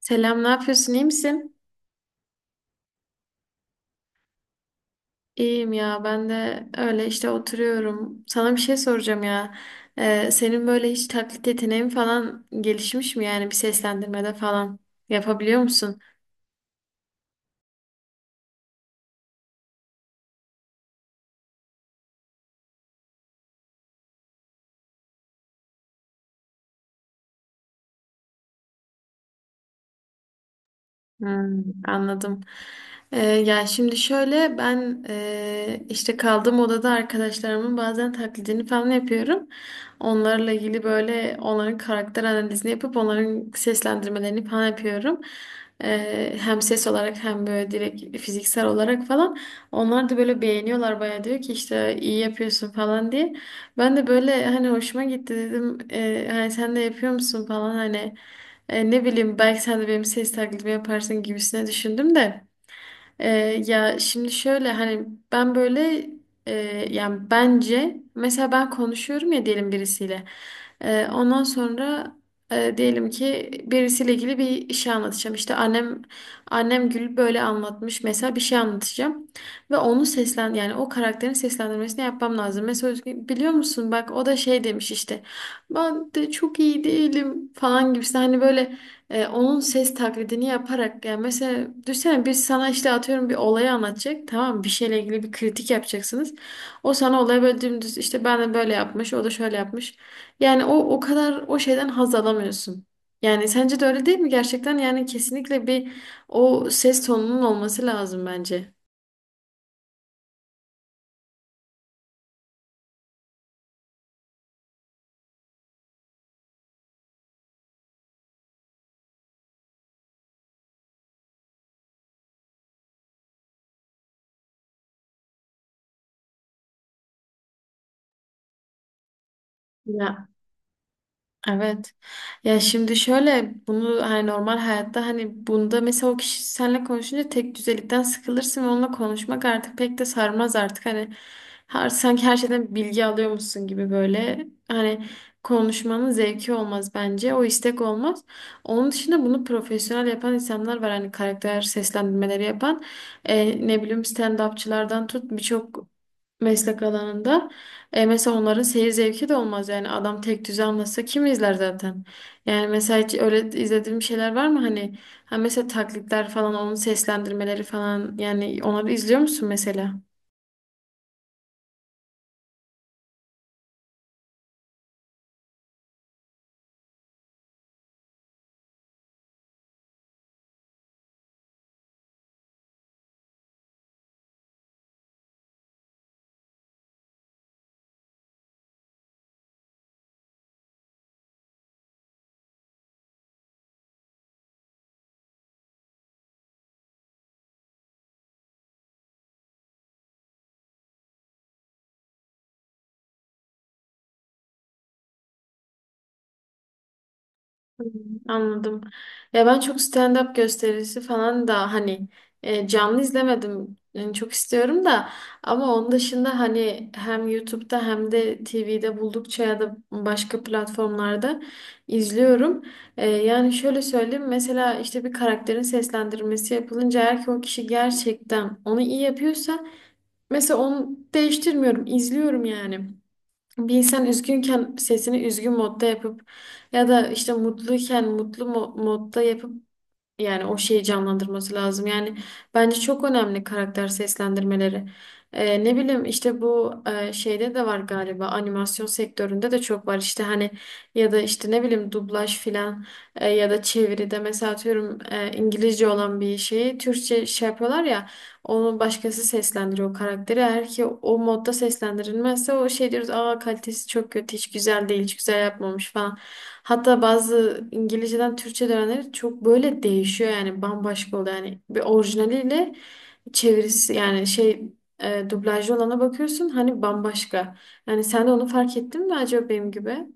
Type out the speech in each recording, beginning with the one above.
Selam, ne yapıyorsun? İyi misin? İyiyim ya, ben de öyle işte oturuyorum. Sana bir şey soracağım ya. Senin böyle hiç taklit yeteneğin falan gelişmiş mi yani bir seslendirmede falan yapabiliyor musun? Hmm, anladım. Ya şimdi şöyle ben işte kaldığım odada arkadaşlarımın bazen taklidini falan yapıyorum. Onlarla ilgili böyle onların karakter analizini yapıp onların seslendirmelerini falan yapıyorum. Hem ses olarak hem böyle direkt fiziksel olarak falan. Onlar da böyle beğeniyorlar bayağı, diyor ki işte iyi yapıyorsun falan diye. Ben de böyle hani hoşuma gitti dedim. Hani sen de yapıyor musun falan hani. Ne bileyim belki sen de benim ses taklidimi yaparsın gibisine düşündüm de. E, Ya şimdi şöyle hani ben böyle e, yani bence mesela ben konuşuyorum ya, diyelim birisiyle. Ondan sonra diyelim ki birisiyle ilgili bir şey anlatacağım. İşte annem Gül böyle anlatmış, mesela bir şey anlatacağım. Ve onu seslen yani o karakterin seslendirmesini yapmam lazım. Mesela Özgün, biliyor musun bak, o da şey demiş işte ben de çok iyi değilim falan gibisi, hani böyle onun ses taklidini yaparak. Yani mesela düşünsene biz sana işte atıyorum bir olayı anlatacak, tamam mı? Bir şeyle ilgili bir kritik yapacaksınız. O sana olayı böyle dümdüz işte ben de böyle yapmış, o da şöyle yapmış. Yani o kadar o şeyden haz alamıyorsun. Yani sence de öyle değil mi? Gerçekten yani kesinlikle bir o ses tonunun olması lazım bence. Ya evet. Ya şimdi şöyle, bunu hani normal hayatta hani bunda mesela o kişi seninle konuşunca tek düzelikten sıkılırsın ve onunla konuşmak artık pek de sarmaz artık, hani her, sanki her şeyden bilgi alıyormuşsun gibi böyle, hani konuşmanın zevki olmaz bence, o istek olmaz. Onun dışında bunu profesyonel yapan insanlar var, hani karakter seslendirmeleri yapan. Ne bileyim stand-upçılardan tut birçok meslek alanında. E mesela onların seyir zevki de olmaz, yani adam tek düze anlatsa kim izler zaten. Yani mesela hiç öyle izlediğim şeyler var mı hani, ha mesela taklitler falan, onun seslendirmeleri falan, yani onları izliyor musun mesela? Hmm, anladım. Ya ben çok stand-up gösterisi falan da hani canlı izlemedim. Yani çok istiyorum da, ama onun dışında hani hem YouTube'da hem de TV'de buldukça ya da başka platformlarda izliyorum. Yani şöyle söyleyeyim, mesela işte bir karakterin seslendirmesi yapılınca, eğer ki o kişi gerçekten onu iyi yapıyorsa mesela onu değiştirmiyorum, izliyorum yani. Bir insan üzgünken sesini üzgün modda yapıp ya da işte mutluyken mutlu modda yapıp, yani o şeyi canlandırması lazım. Yani bence çok önemli karakter seslendirmeleri. Ne bileyim işte bu şeyde de var galiba, animasyon sektöründe de çok var işte, hani ya da işte ne bileyim dublaj filan, ya da çeviride mesela atıyorum İngilizce olan bir şeyi Türkçe şey yapıyorlar ya, onu başkası seslendiriyor o karakteri. Eğer ki o modda seslendirilmezse o şey diyoruz, aa kalitesi çok kötü, hiç güzel değil, hiç güzel yapmamış falan. Hatta bazı İngilizceden Türkçe dönenleri çok böyle değişiyor, yani bambaşka oluyor. Yani bir orijinaliyle çevirisi yani şey, dublajlı olana bakıyorsun, hani bambaşka. Yani sen de onu fark ettin mi acaba benim gibi?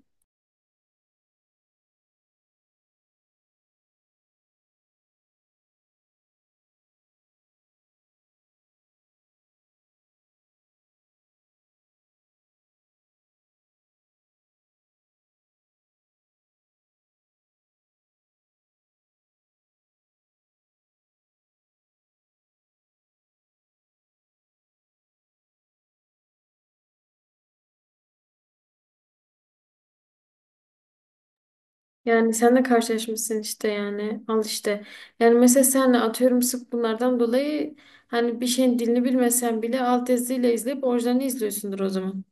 Yani sen de karşılaşmışsın işte, yani al işte. Yani mesela senle atıyorum sık bunlardan dolayı hani bir şeyin dilini bilmesen bile alt yazıyla izleyip orijinalini izliyorsundur o zaman.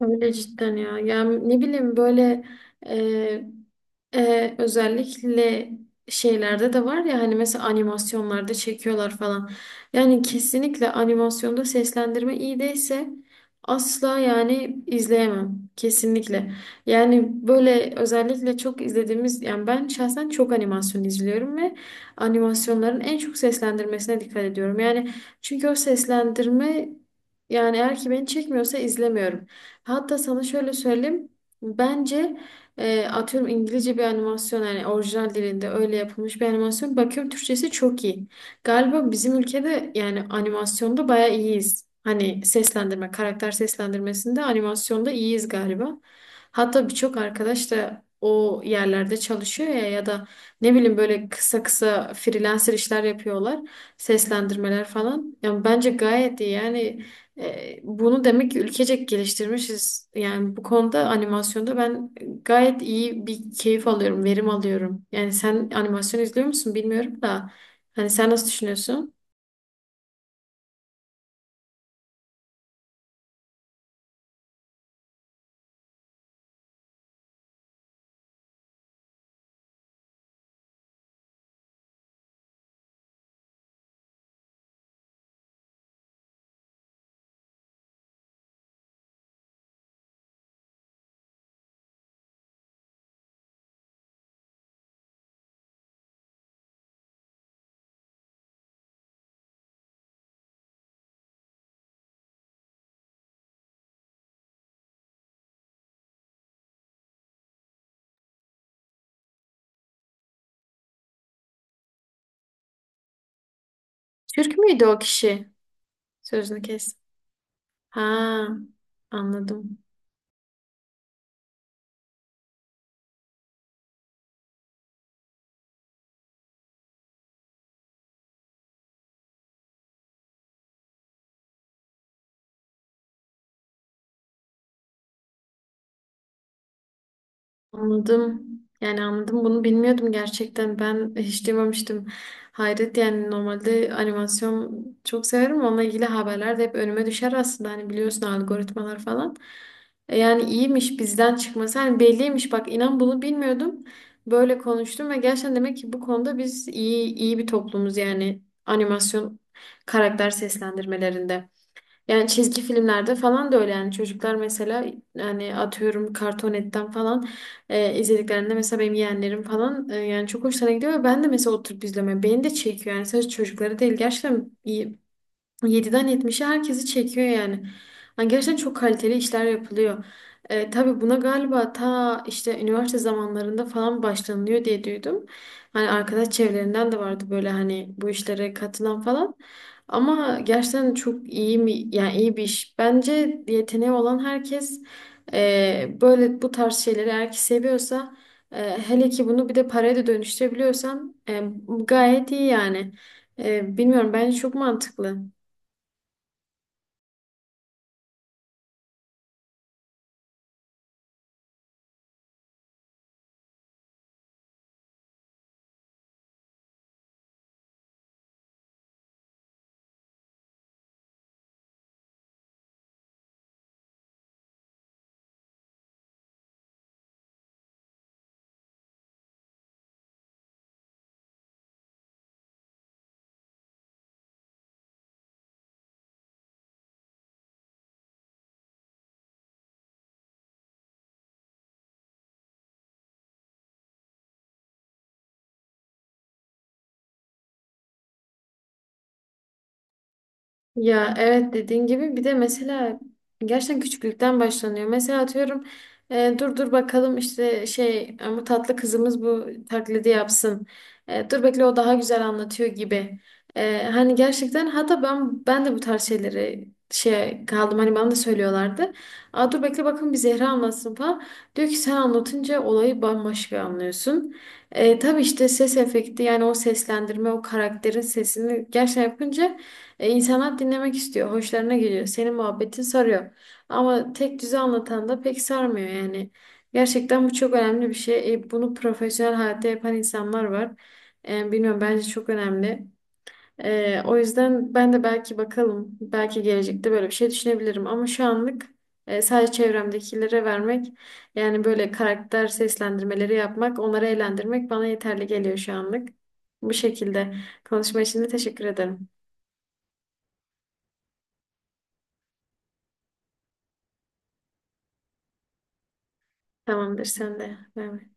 Öyle cidden ya. Yani ne bileyim böyle e, özellikle şeylerde de var ya, hani mesela animasyonlarda çekiyorlar falan. Yani kesinlikle animasyonda seslendirme iyi değilse asla yani izleyemem. Kesinlikle. Yani böyle özellikle çok izlediğimiz, yani ben şahsen çok animasyon izliyorum ve animasyonların en çok seslendirmesine dikkat ediyorum. Yani çünkü o seslendirme, yani eğer ki beni çekmiyorsa izlemiyorum. Hatta sana şöyle söyleyeyim. Bence atıyorum İngilizce bir animasyon, yani orijinal dilinde öyle yapılmış bir animasyon. Bakıyorum Türkçesi çok iyi. Galiba bizim ülkede yani animasyonda bayağı iyiyiz. Hani seslendirme, karakter seslendirmesinde animasyonda iyiyiz galiba. Hatta birçok arkadaş da o yerlerde çalışıyor ya, ya da ne bileyim böyle kısa kısa freelancer işler yapıyorlar. Seslendirmeler falan. Yani bence gayet iyi yani, bunu demek ki ülkecek geliştirmişiz. Yani bu konuda animasyonda ben gayet iyi bir keyif alıyorum, verim alıyorum. Yani sen animasyon izliyor musun bilmiyorum da. Hani sen nasıl düşünüyorsun? Türk müydü o kişi? Sözünü kes. Ha, anladım. Anladım. Yani anladım, bunu bilmiyordum gerçekten. Ben hiç duymamıştım. Hayret yani, normalde animasyon çok severim. Onunla ilgili haberler de hep önüme düşer aslında. Hani biliyorsun algoritmalar falan. Yani iyiymiş bizden çıkması. Hani belliymiş bak, inan bunu bilmiyordum. Böyle konuştum ve gerçekten demek ki bu konuda biz iyi, iyi bir toplumuz yani, animasyon karakter seslendirmelerinde. Yani çizgi filmlerde falan da öyle, yani çocuklar mesela, yani atıyorum Kartonet'ten falan izlediklerinde mesela, benim yeğenlerim falan, yani çok hoşlarına gidiyor ve ben de mesela oturup izlemeye. Yani beni de çekiyor, yani sadece çocukları değil, gerçekten iyi. Yediden yetmişe herkesi çekiyor yani. Yani gerçekten çok kaliteli işler yapılıyor. Tabii buna galiba ta işte üniversite zamanlarında falan başlanılıyor diye duydum. Hani arkadaş çevrelerinden de vardı böyle hani bu işlere katılan falan. Ama gerçekten çok iyi mi, yani iyi bir iş. Bence yeteneği olan herkes böyle bu tarz şeyleri eğer ki seviyorsa, hele ki bunu bir de paraya da dönüştürebiliyorsan gayet iyi yani. Bilmiyorum, bence çok mantıklı. Ya evet, dediğin gibi bir de mesela gerçekten küçüklükten başlanıyor. Mesela atıyorum dur dur bakalım işte şey, bu tatlı kızımız bu taklidi yapsın. Dur bekle, o daha güzel anlatıyor gibi. Hani gerçekten, hatta ben de bu tarz şeyleri şey kaldım, hani bana da söylüyorlardı. Aa, dur bekle bakın, bir Zehra anlatsın falan. Diyor ki sen anlatınca olayı bambaşka anlıyorsun. Tabii işte ses efekti, yani o seslendirme, o karakterin sesini gerçekten yapınca insanlar dinlemek istiyor, hoşlarına geliyor, senin muhabbetin sarıyor. Ama tek düze anlatan da pek sarmıyor yani. Gerçekten bu çok önemli bir şey. Bunu profesyonel hayatta yapan insanlar var. Bilmiyorum bence çok önemli. O yüzden ben de belki bakalım, belki gelecekte böyle bir şey düşünebilirim. Ama şu anlık sadece çevremdekilere vermek, yani böyle karakter seslendirmeleri yapmak, onları eğlendirmek bana yeterli geliyor şu anlık. Bu şekilde konuşma için de teşekkür ederim. Tamamdır sen de. Bay bay.